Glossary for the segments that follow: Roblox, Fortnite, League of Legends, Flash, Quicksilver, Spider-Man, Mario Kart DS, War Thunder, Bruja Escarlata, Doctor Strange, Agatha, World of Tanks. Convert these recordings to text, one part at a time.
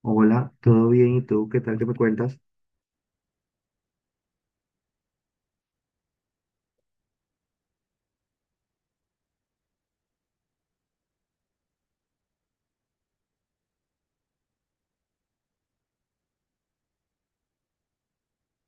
Hola, ¿todo bien? ¿Y tú qué tal que me cuentas?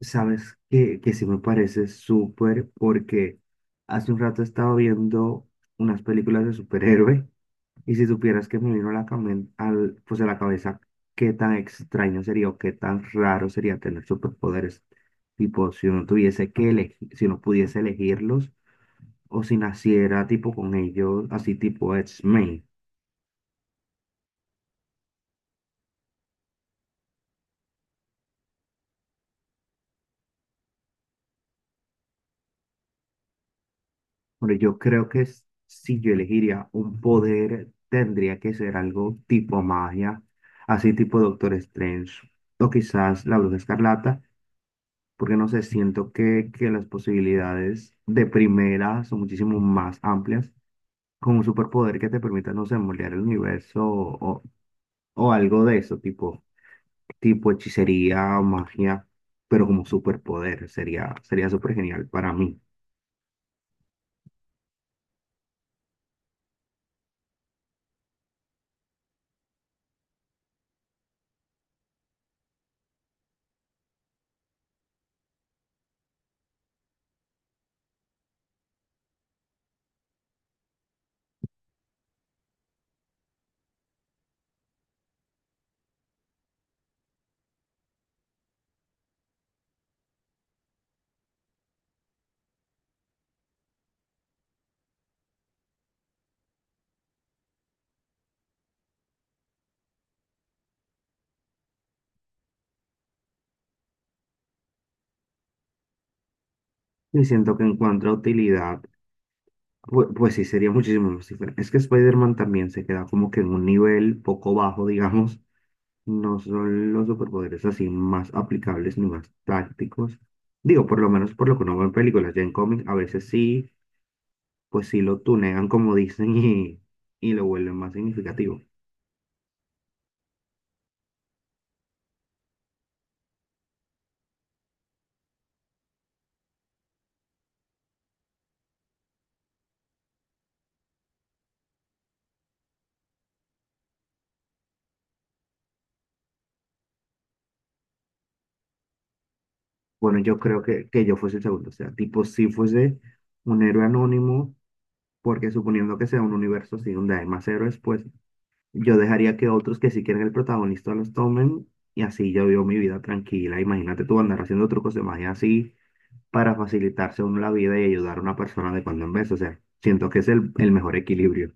Sabes que sí me parece súper porque hace un rato estaba viendo unas películas de superhéroe y si supieras que me vino a la, camen- al, pues a la cabeza, qué tan extraño sería o qué tan raro sería tener superpoderes. Tipo, si uno tuviese que elegir, si uno pudiese elegirlos o si naciera tipo con ellos, así tipo x. Bueno, yo creo que si yo elegiría un poder, tendría que ser algo tipo magia, así tipo Doctor Strange, o quizás la Bruja Escarlata, porque no sé, siento que las posibilidades de primera son muchísimo más amplias, con un superpoder que te permita, no sé, moldear el universo o algo de eso, tipo hechicería, magia, pero como superpoder, sería súper genial para mí. Y siento que encuentra utilidad. Pues sí, sería muchísimo más diferente. Es que Spider-Man también se queda como que en un nivel poco bajo, digamos. No son los superpoderes así más aplicables ni más tácticos. Digo, por lo menos por lo que uno ve en películas, ya en cómics, a veces sí, pues sí lo tunean como dicen, y lo vuelven más significativo. Bueno, yo creo que yo fuese el segundo. O sea, tipo, si fuese un héroe anónimo, porque suponiendo que sea un universo así donde hay más héroes, pues yo dejaría que otros, que sí quieren el protagonista, los tomen, y así yo vivo mi vida tranquila. Imagínate tú andar haciendo trucos de magia así para facilitarse uno la vida y ayudar a una persona de cuando en vez. O sea, siento que es el mejor equilibrio.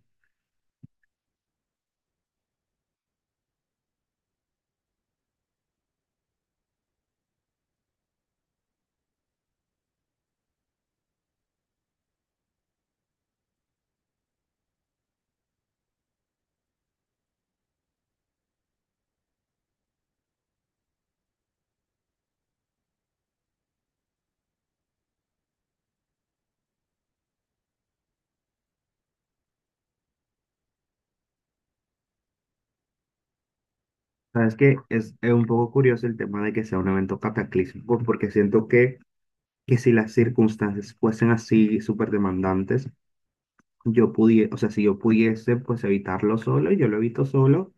Sabes que es, un poco curioso el tema de que sea un evento cataclísmico, porque siento que si las circunstancias fuesen así súper demandantes, yo pudiese, o sea, si yo pudiese pues evitarlo solo, yo lo evito solo.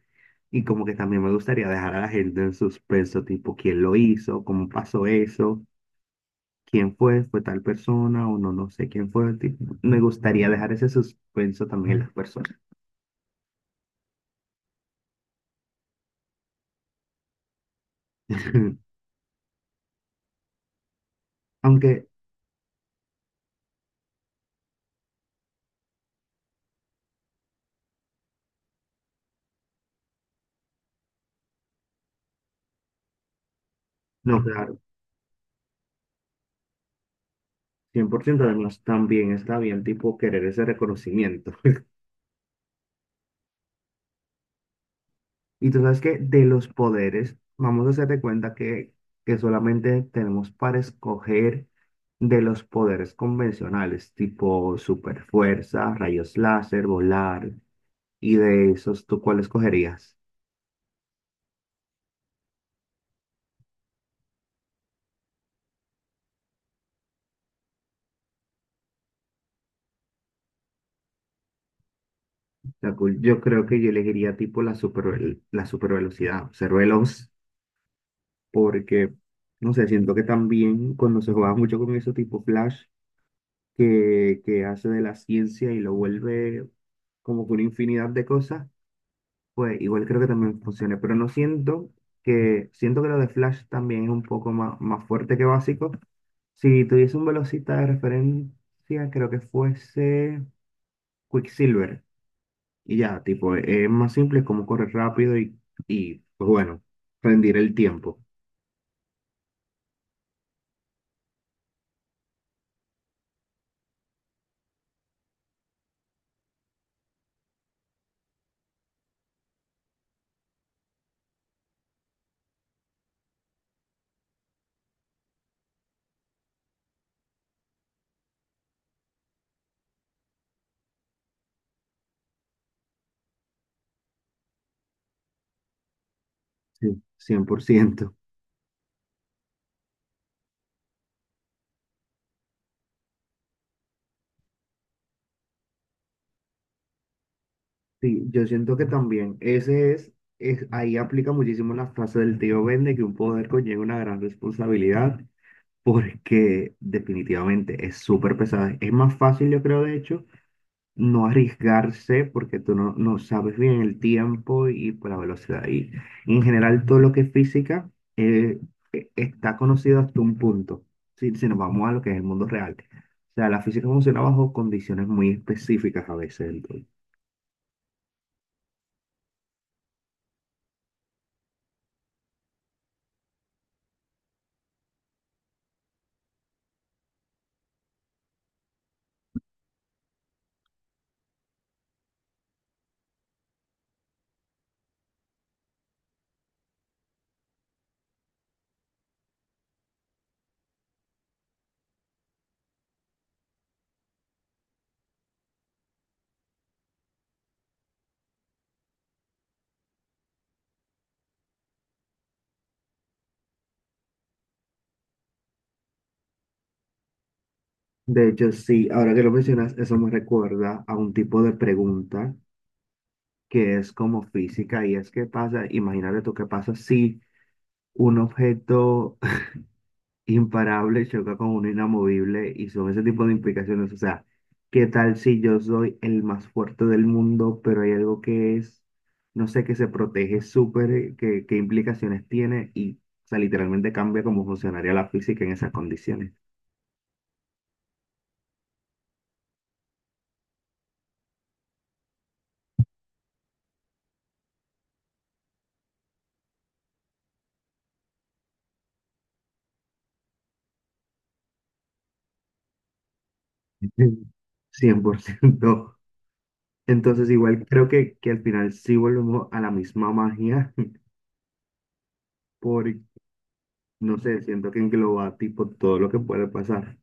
Y como que también me gustaría dejar a la gente en suspenso, tipo, ¿quién lo hizo? ¿Cómo pasó eso? ¿Quién fue? ¿Fue tal persona? O no, no sé quién fue. Tipo, me gustaría dejar ese suspenso también en las personas. Aunque, no, claro, 100%. Además también está bien, tipo, querer ese reconocimiento. Y tú sabes que de los poderes, vamos a hacer de cuenta que solamente tenemos para escoger de los poderes convencionales, tipo super fuerza, rayos láser, volar. Y de esos, ¿tú cuál escogerías? Yo creo que yo elegiría tipo la super velocidad, ser veloz, porque, no sé, siento que también cuando se juega mucho con eso tipo Flash, que hace de la ciencia y lo vuelve como que una infinidad de cosas, pues igual creo que también funciona, pero no siento que, siento que lo de Flash también es un poco más fuerte que básico. Si tuviese un velocista de referencia, creo que fuese Quicksilver. Y ya, tipo, es más simple, es como correr rápido y, pues bueno, rendir el tiempo. Sí, 100%. Sí, yo siento que también ese es, ahí aplica muchísimo la frase del tío Ben de que un poder conlleva una gran responsabilidad, porque definitivamente es súper pesada. Es más fácil, yo creo, de hecho, no arriesgarse porque tú no, no sabes bien el tiempo y pues, la velocidad. Y en general todo lo que es física, eh, está conocido hasta un punto, si nos vamos a lo que es el mundo real. O sea, la física funciona bajo condiciones muy específicas a veces. Entonces. De hecho, sí, ahora que lo mencionas, eso me recuerda a un tipo de pregunta que es como física, y es qué pasa, imagínate tú, qué pasa si un objeto imparable choca con uno inamovible, y son ese tipo de implicaciones. O sea, ¿qué tal si yo soy el más fuerte del mundo, pero hay algo que es, no sé, que se protege súper, qué, implicaciones tiene? Y, o sea, literalmente cambia cómo funcionaría la física en esas condiciones. 100%. Entonces, igual creo que al final sí volvemos a la misma magia, por no sé, siento que engloba tipo todo lo que puede pasar.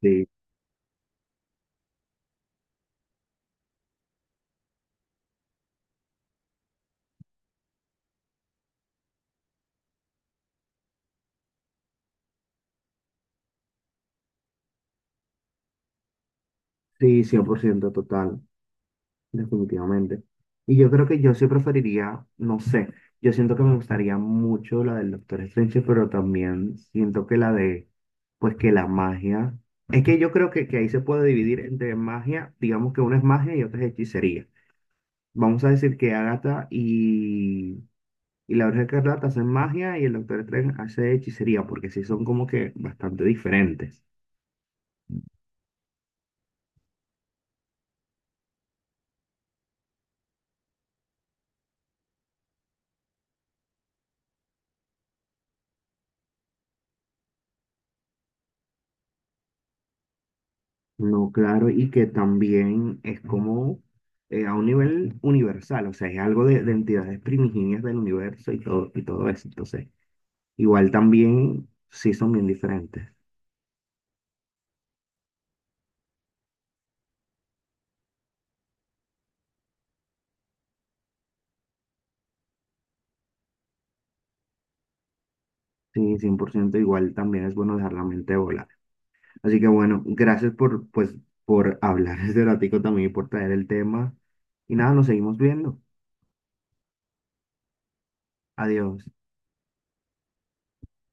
Sí, sí, 100% total. Definitivamente. Y yo creo que yo sí preferiría, no sé, yo siento que me gustaría mucho la del Doctor Strange, pero también siento que la de, pues que la magia, es que yo creo que ahí se puede dividir entre magia, digamos que una es magia y otra es hechicería. Vamos a decir que Agatha y la Bruja Escarlata hacen magia y el Doctor Strange hace hechicería, porque sí son como que bastante diferentes. No, claro, y que también es como, a un nivel universal, o sea, es algo de entidades primigenias del universo y todo eso. Entonces, igual también sí son bien diferentes. Sí, 100%. Igual también es bueno dejar la mente volar. Así que bueno, gracias por, pues, por hablar este ratico también y por traer el tema. Y nada, nos seguimos viendo. Adiós.